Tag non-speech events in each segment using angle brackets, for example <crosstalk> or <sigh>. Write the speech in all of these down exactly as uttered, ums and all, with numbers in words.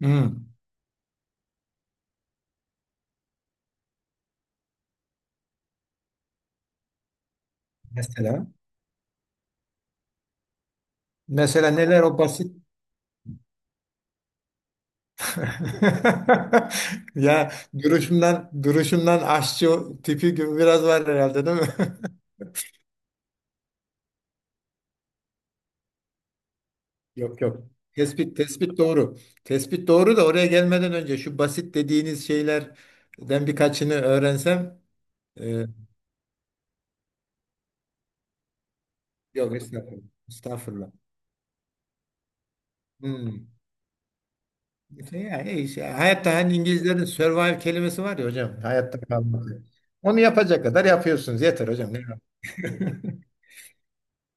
Hmm. Mesela mesela neler o basit <laughs> ya duruşundan duruşundan aşçı tipi gibi biraz var herhalde değil mi? <laughs> Yok yok. Tespit tespit doğru. Tespit doğru da oraya gelmeden önce şu basit dediğiniz şeylerden birkaçını öğrensem e, Yok, estağfurullah. Estağfurullah. Hmm. İşte ya, e, işte hayatta hani İngilizlerin survive kelimesi var ya hocam hayatta kalmak. Onu yapacak kadar yapıyorsunuz yeter hocam. Ne yapayım? <laughs>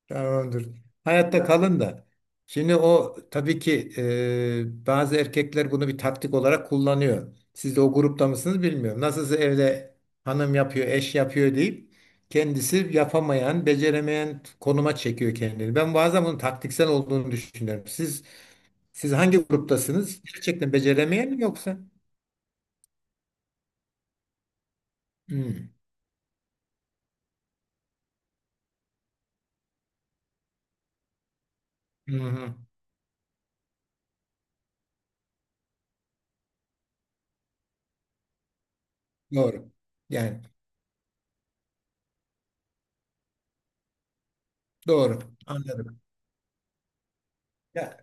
Tamamdır. Hayatta kalın da. Şimdi o tabii ki e, bazı erkekler bunu bir taktik olarak kullanıyor. Siz de o grupta mısınız bilmiyorum. Nasılsa evde hanım yapıyor, eş yapıyor deyip kendisi yapamayan, beceremeyen konuma çekiyor kendini. Ben bazen bunun taktiksel olduğunu düşünüyorum. Siz siz hangi gruptasınız? Gerçekten beceremeyen mi yoksa? Hmm. Hı hı. Doğru. Yani doğru. Anladım. Ya,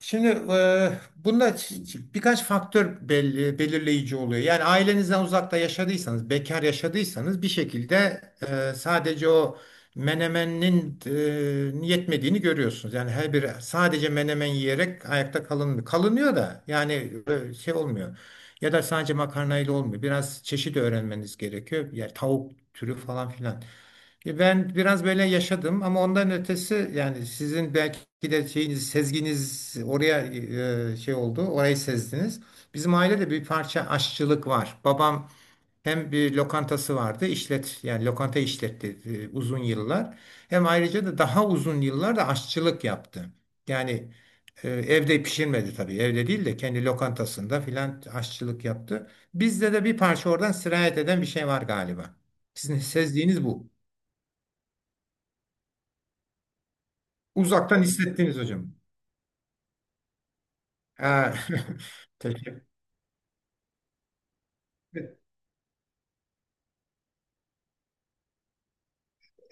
şimdi e, bunda ç- ç- birkaç faktör belli, belirleyici oluyor. Yani ailenizden uzakta yaşadıysanız, bekar yaşadıysanız bir şekilde e, sadece o menemenin e, yetmediğini görüyorsunuz. Yani her bir sadece menemen yiyerek ayakta kalınmıyor. Kalınıyor da yani e, şey olmuyor. Ya da sadece makarnayla olmuyor. Biraz çeşit öğrenmeniz gerekiyor. Yani tavuk türü falan filan. E, Ben biraz böyle yaşadım ama ondan ötesi yani sizin belki de şeyiniz, sezginiz oraya e, şey oldu, orayı sezdiniz. Bizim ailede bir parça aşçılık var. Babam hem bir lokantası vardı, işlet yani lokanta işletti e, uzun yıllar. Hem ayrıca da daha uzun yıllar da aşçılık yaptı. Yani e, evde pişirmedi tabii, evde değil de kendi lokantasında filan aşçılık yaptı. Bizde de bir parça oradan sirayet eden bir şey var galiba. Sizin sezdiğiniz bu. Uzaktan hissettiğiniz hocam. Ha, <laughs> Teşekkür.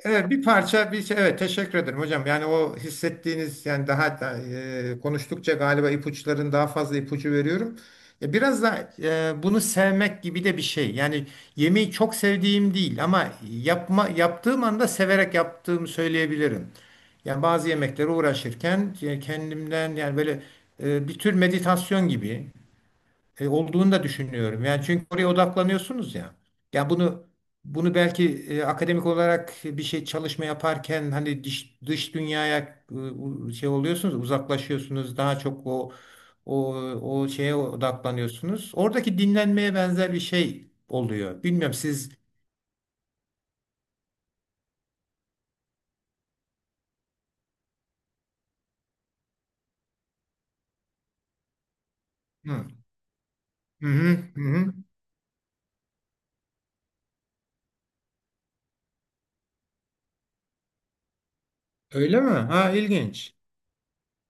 Evet, bir parça bir şey, evet teşekkür ederim hocam. Yani o hissettiğiniz yani daha da, e, konuştukça galiba ipuçların daha fazla ipucu veriyorum. E, biraz da e, bunu sevmek gibi de bir şey. Yani yemeği çok sevdiğim değil ama yapma yaptığım anda severek yaptığımı söyleyebilirim. Yani bazı yemeklere uğraşırken e, kendimden yani böyle e, bir tür meditasyon gibi e, olduğunu da düşünüyorum. Yani çünkü oraya odaklanıyorsunuz ya. Ya bunu bunu belki e, akademik olarak bir şey çalışma yaparken hani dış, dış dünyaya e, u- şey oluyorsunuz, uzaklaşıyorsunuz. Daha çok o o o şeye odaklanıyorsunuz. Oradaki dinlenmeye benzer bir şey oluyor. Bilmiyorum siz Hı hı hı. hı. hı. Öyle mi? Ha, ilginç.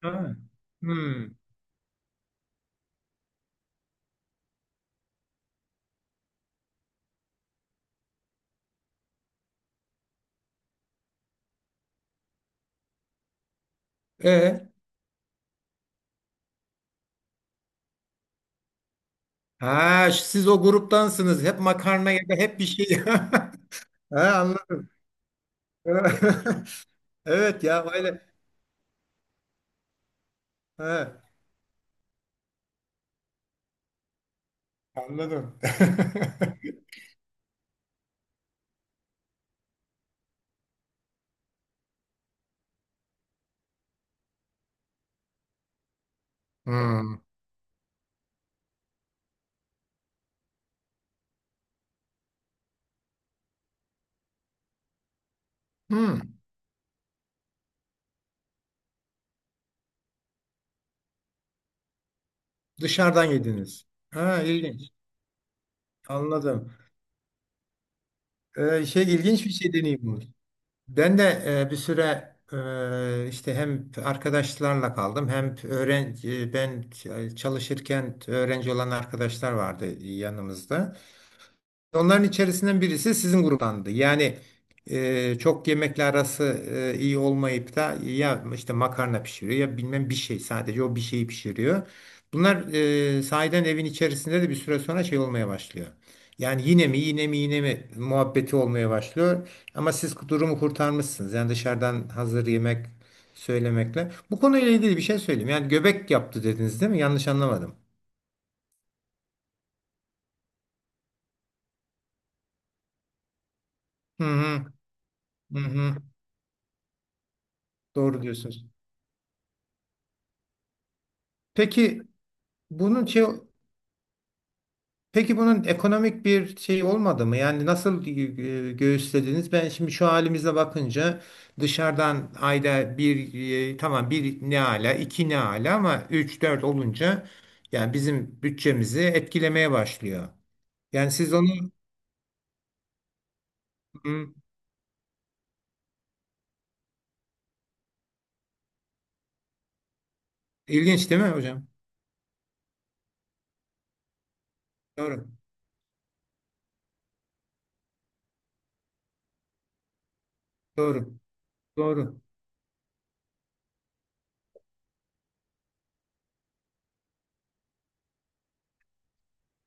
Ha. Hı. E, ha, siz o gruptansınız. Hep makarna ya da hep bir şey. <laughs> Ha, anladım. <laughs> Evet ya öyle. Ha, anladım. <laughs> Hmm. Hmm. Dışarıdan yediniz. Ha, ilginç. Anladım. Ee, şey ilginç bir şey deneyimmiş. Ben de e, bir süre e, işte hem arkadaşlarla kaldım hem öğrenci ben çalışırken öğrenci olan arkadaşlar vardı yanımızda. Onların içerisinden birisi sizin gruptandı. Yani e, çok yemekle arası e, iyi olmayıp da ya işte makarna pişiriyor ya bilmem bir şey sadece o bir şeyi pişiriyor. Bunlar e, sahiden evin içerisinde de bir süre sonra şey olmaya başlıyor. Yani yine mi yine mi yine mi muhabbeti olmaya başlıyor. Ama siz durumu kurtarmışsınız. Yani dışarıdan hazır yemek söylemekle. Bu konuyla ilgili bir şey söyleyeyim. Yani göbek yaptı dediniz değil mi? Yanlış anlamadım. Hı hı, hı hı. Doğru diyorsunuz. Peki bunun şey, peki bunun ekonomik bir şey olmadı mı? Yani nasıl gö- göğüslediniz? Ben şimdi şu halimize bakınca dışarıdan ayda bir e, tamam bir ne ala iki ne ala ama üç dört olunca yani bizim bütçemizi etkilemeye başlıyor. Yani siz onu Hı, ilginç değil mi hocam? Doğru, doğru, doğru.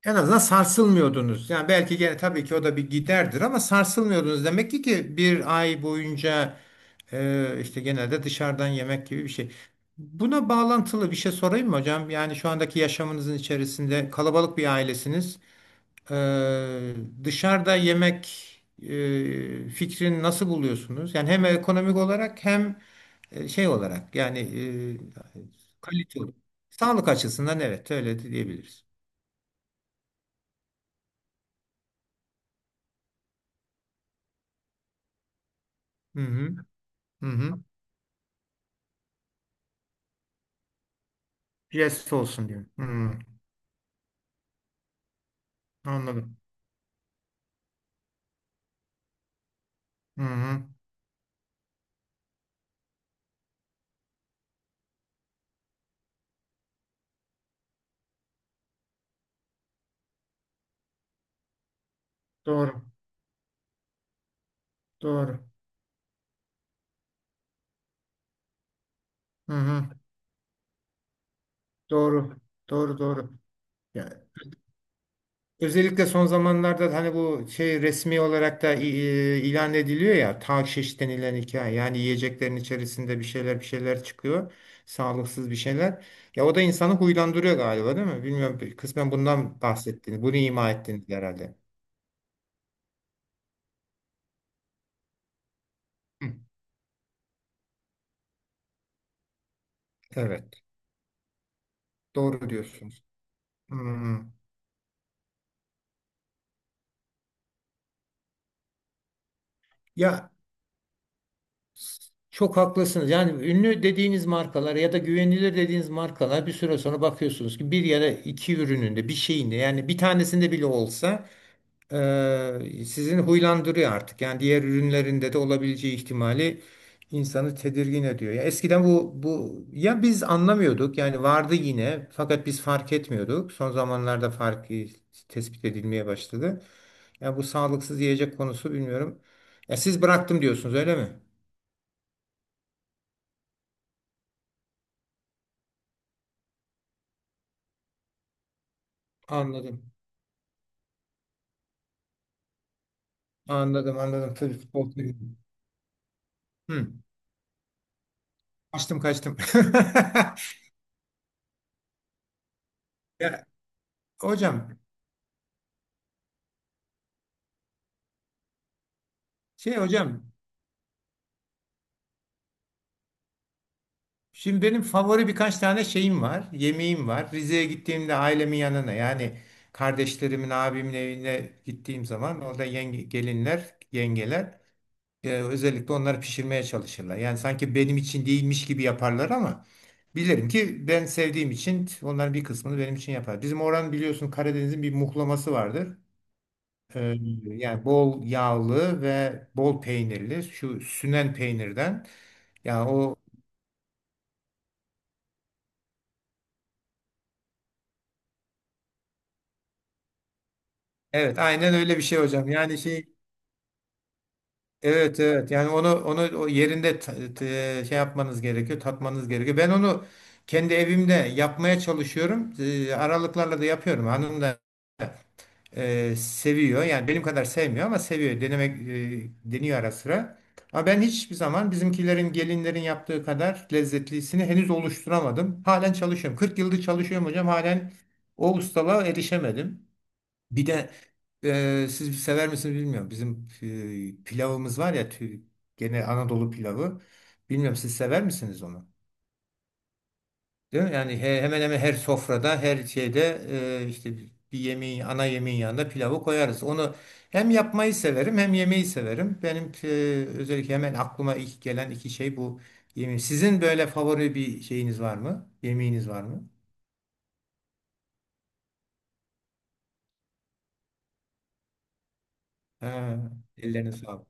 En azından sarsılmıyordunuz. Yani belki gene tabii ki o da bir giderdir ama sarsılmıyordunuz. Demek ki ki bir ay boyunca e, işte genelde dışarıdan yemek gibi bir şey. Buna bağlantılı bir şey sorayım mı hocam? Yani şu andaki yaşamınızın içerisinde kalabalık bir ailesiniz. E, dışarıda yemek e, fikrini nasıl buluyorsunuz? Yani hem ekonomik olarak hem e, şey olarak yani e, kalite olarak. Sağlık açısından evet öyle de diyebiliriz. Hı hı. Hı hı. Yes olsun diyor. Hmm, anladım. Hı hı. Doğru. Doğru. Hı hı. Doğru. Doğru, doğru. Ya, özellikle son zamanlarda da hani bu şey resmi olarak da i- i- ilan ediliyor ya takşiş denilen hikaye. Yani yiyeceklerin içerisinde bir şeyler bir şeyler çıkıyor. Sağlıksız bir şeyler. Ya o da insanı huylandırıyor galiba değil mi? Bilmiyorum. Kısmen bundan bahsettiğini, bunu ima ettiğini herhalde. Hı. Evet. Doğru diyorsunuz. Hmm. Ya, çok haklısınız. Yani ünlü dediğiniz markalar ya da güvenilir dediğiniz markalar bir süre sonra bakıyorsunuz ki bir ya da iki ürününde bir şeyinde yani bir tanesinde bile olsa e, sizin huylandırıyor artık. Yani diğer ürünlerinde de olabileceği ihtimali insanı tedirgin ediyor. Ya eskiden bu bu ya biz anlamıyorduk yani vardı yine fakat biz fark etmiyorduk. Son zamanlarda farkı tespit edilmeye başladı. Ya bu sağlıksız yiyecek konusu bilmiyorum. Ya siz bıraktım diyorsunuz öyle mi? Anladım. Anladım anladım. Tabii futbol kulübü. Hı. Kaçtım kaçtım. <laughs> Ya, hocam şey hocam şimdi benim favori birkaç tane şeyim var. Yemeğim var. Rize'ye gittiğimde ailemin yanına yani kardeşlerimin abimin evine gittiğim zaman orada yenge, gelinler yengeler e, özellikle onları pişirmeye çalışırlar. Yani sanki benim için değilmiş gibi yaparlar ama bilirim ki ben sevdiğim için onların bir kısmını benim için yapar. Bizim oranın biliyorsun Karadeniz'in bir muhlaması vardır. Ee, yani bol yağlı ve bol peynirli şu sünen peynirden yani o evet aynen öyle bir şey hocam yani şey Evet, evet yani onu onu o yerinde ta- te- şey yapmanız gerekiyor tatmanız gerekiyor. Ben onu kendi evimde yapmaya çalışıyorum. Ee, aralıklarla da yapıyorum. Hanım da e, seviyor. Yani benim kadar sevmiyor ama seviyor. Denemek e, deniyor ara sıra. Ama ben hiçbir zaman bizimkilerin, gelinlerin yaptığı kadar lezzetlisini henüz oluşturamadım. Halen çalışıyorum. kırk yıldır çalışıyorum hocam. Halen o ustalığa erişemedim. Bir de e, siz sever misiniz bilmiyorum. Bizim e, pilavımız var ya tü- gene Anadolu pilavı. Bilmiyorum siz sever misiniz onu? Değil mi? Yani he- hemen hemen her sofrada, her şeyde e, işte bir yemeğin, ana yemeğin yanında pilavı koyarız. Onu hem yapmayı severim hem yemeği severim. Benim e, özellikle hemen aklıma ilk gelen iki şey bu yemeği. Sizin böyle favori bir şeyiniz var mı? Yemeğiniz var mı? Ha, ellerine sağlık.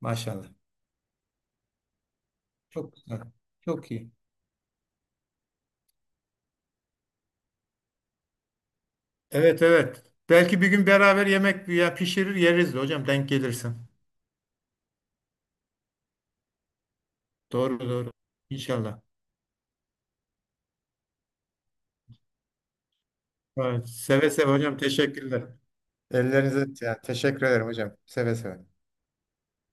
Maşallah. Çok güzel. Çok iyi. Evet, evet. Belki bir gün beraber yemek ya pişirir yeriz de hocam denk gelirsin. Doğru, doğru. İnşallah. Evet, seve seve hocam, teşekkürler. Ellerinize yani teşekkür ederim hocam. Seve seve.